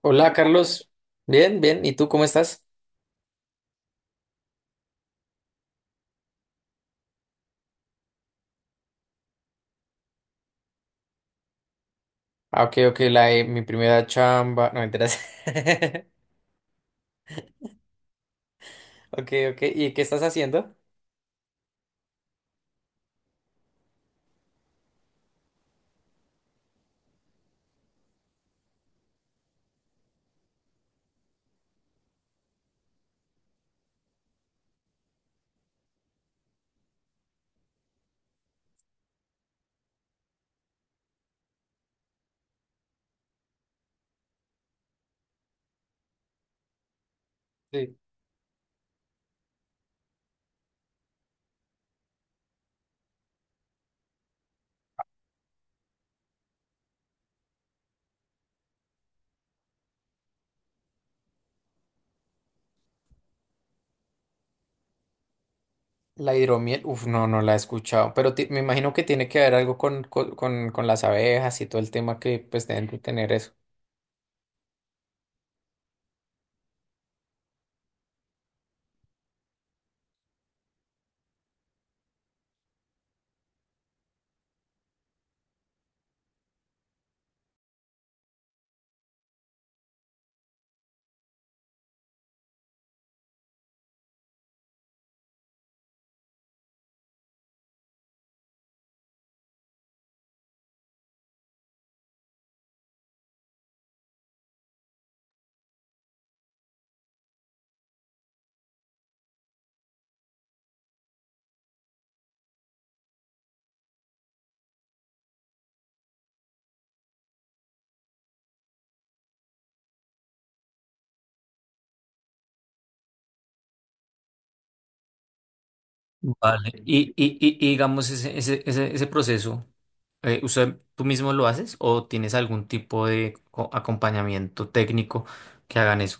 Hola Carlos, bien, bien, ¿y tú cómo estás? Ah, ok, ok, la de mi primera chamba, no me enteras. Ok, ok, ¿y qué estás haciendo? Sí. La hidromiel, uf, no, no la he escuchado, pero me imagino que tiene que ver algo con, con las abejas y todo el tema que pues deben de tener eso. Vale. Y digamos, ese proceso, ¿usted tú mismo lo haces o tienes algún tipo de acompañamiento técnico que hagan eso?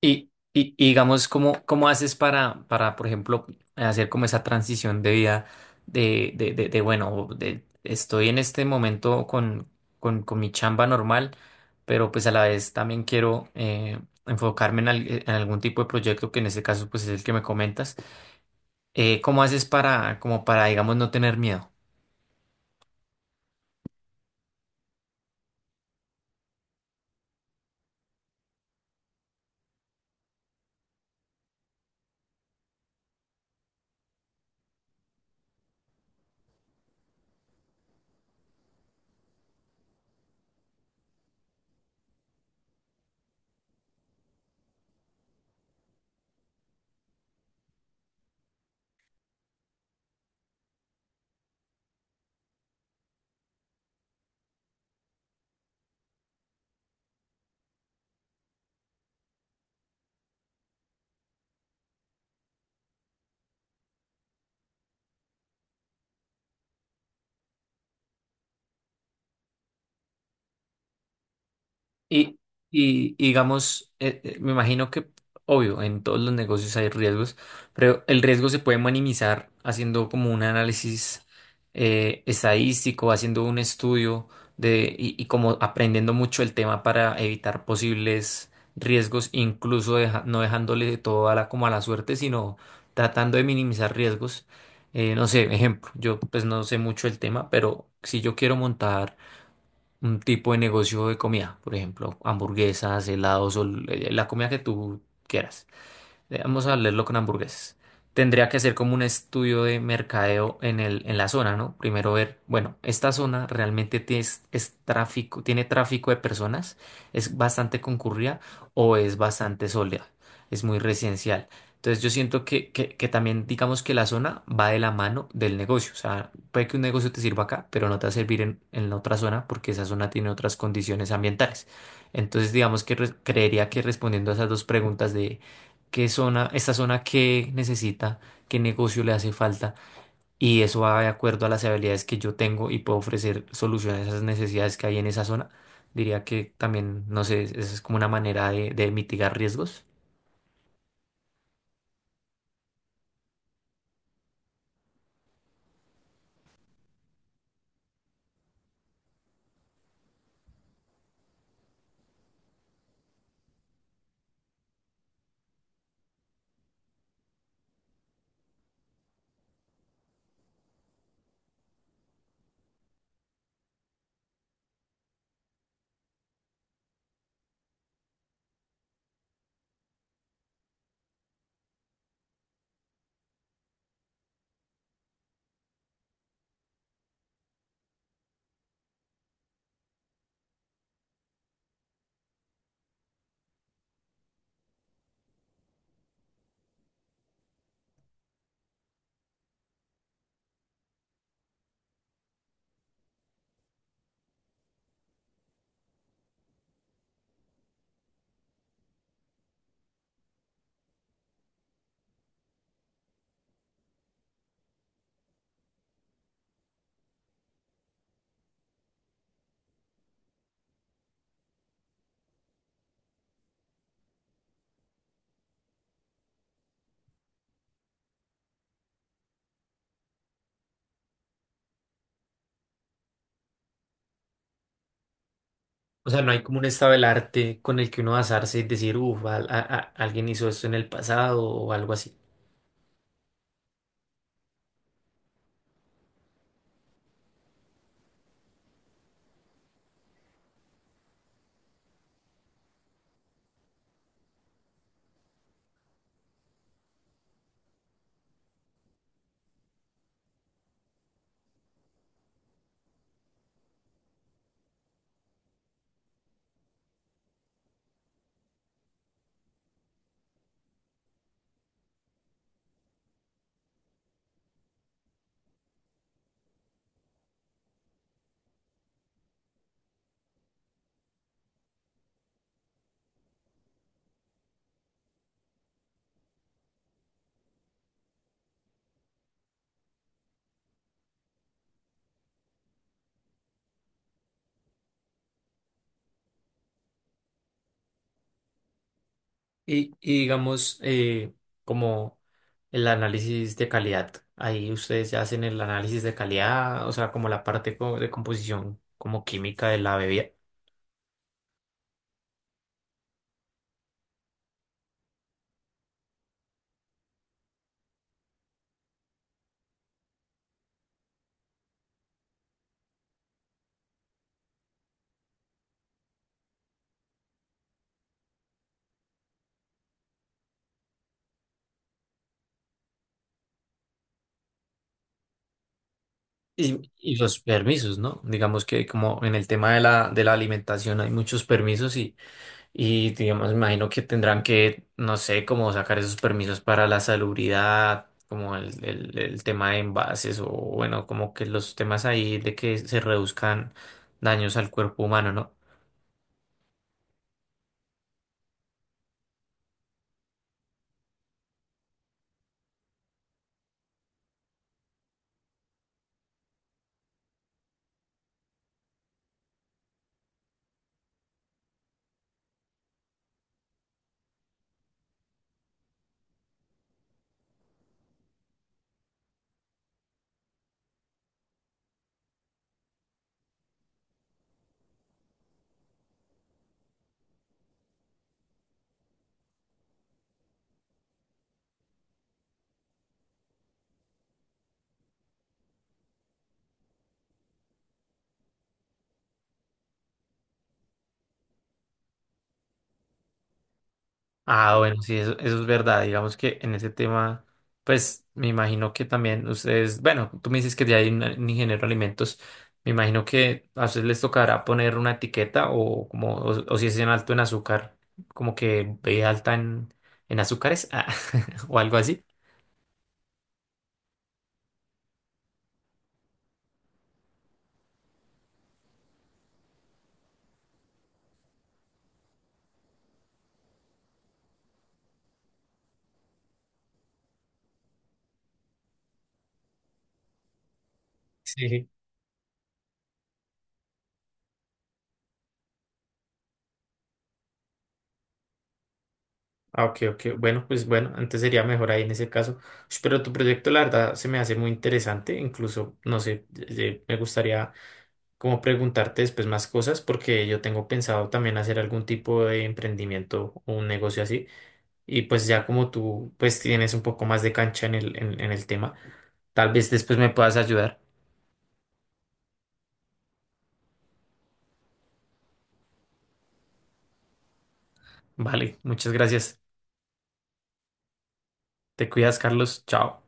Y digamos, cómo haces para, por ejemplo, hacer como esa transición de vida de, estoy en este momento con mi chamba normal, pero pues a la vez también quiero enfocarme en, en algún tipo de proyecto que en este caso pues es el que me comentas. ¿Cómo haces para, como para, digamos, no tener miedo? Y, y digamos, me imagino que, obvio, en todos los negocios hay riesgos, pero el riesgo se puede minimizar haciendo como un análisis estadístico, haciendo un estudio de, como aprendiendo mucho el tema para evitar posibles riesgos, incluso no dejándole todo a la, como a la suerte, sino tratando de minimizar riesgos. No sé, ejemplo, yo pues no sé mucho el tema, pero si yo quiero montar un tipo de negocio de comida, por ejemplo, hamburguesas, helados o la comida que tú quieras. Vamos a leerlo con hamburguesas. Tendría que hacer como un estudio de mercadeo en la zona, ¿no? Primero ver, bueno, esta zona realmente tráfico, tiene tráfico de personas, es bastante concurrida o es bastante soleada, es muy residencial. Entonces yo siento que también digamos que la zona va de la mano del negocio. O sea, puede que un negocio te sirva acá, pero no te va a servir en la otra zona porque esa zona tiene otras condiciones ambientales. Entonces digamos que creería que respondiendo a esas dos preguntas de qué zona, esta zona qué necesita, qué negocio le hace falta. Y eso va de acuerdo a las habilidades que yo tengo y puedo ofrecer soluciones a esas necesidades que hay en esa zona. Diría que también, no sé, esa es como una manera de mitigar riesgos. O sea, no hay como un estado del arte con el que uno basarse y decir, uff, alguien hizo esto en el pasado o algo así. Y digamos, como el análisis de calidad, ahí ustedes ya hacen el análisis de calidad, o sea, como la parte de composición como química de la bebida. Y, y los permisos, ¿no? Digamos que como en el tema de la alimentación hay muchos permisos y digamos, me imagino que tendrán que, no sé, como sacar esos permisos para la salubridad, como el tema de envases o bueno, como que los temas ahí de que se reduzcan daños al cuerpo humano, ¿no? Ah, bueno, sí, eso es verdad. Digamos que en ese tema, pues me imagino que también ustedes, bueno, tú me dices que ya hay un ingeniero de alimentos, me imagino que a ustedes les tocará poner una etiqueta o como, o si es en alto en azúcar, como que ve alta en azúcares ah, o algo así. Sí. Ah, ok, ok. Bueno, pues bueno, antes sería mejor ahí en ese caso. Ush, pero tu proyecto, la verdad, se me hace muy interesante. Incluso, no sé, me gustaría como preguntarte después más cosas porque yo tengo pensado también hacer algún tipo de emprendimiento o un negocio así y pues ya como tú pues tienes un poco más de cancha en el tema, tal vez después me puedas ayudar. Vale, muchas gracias. Te cuidas, Carlos. Chao.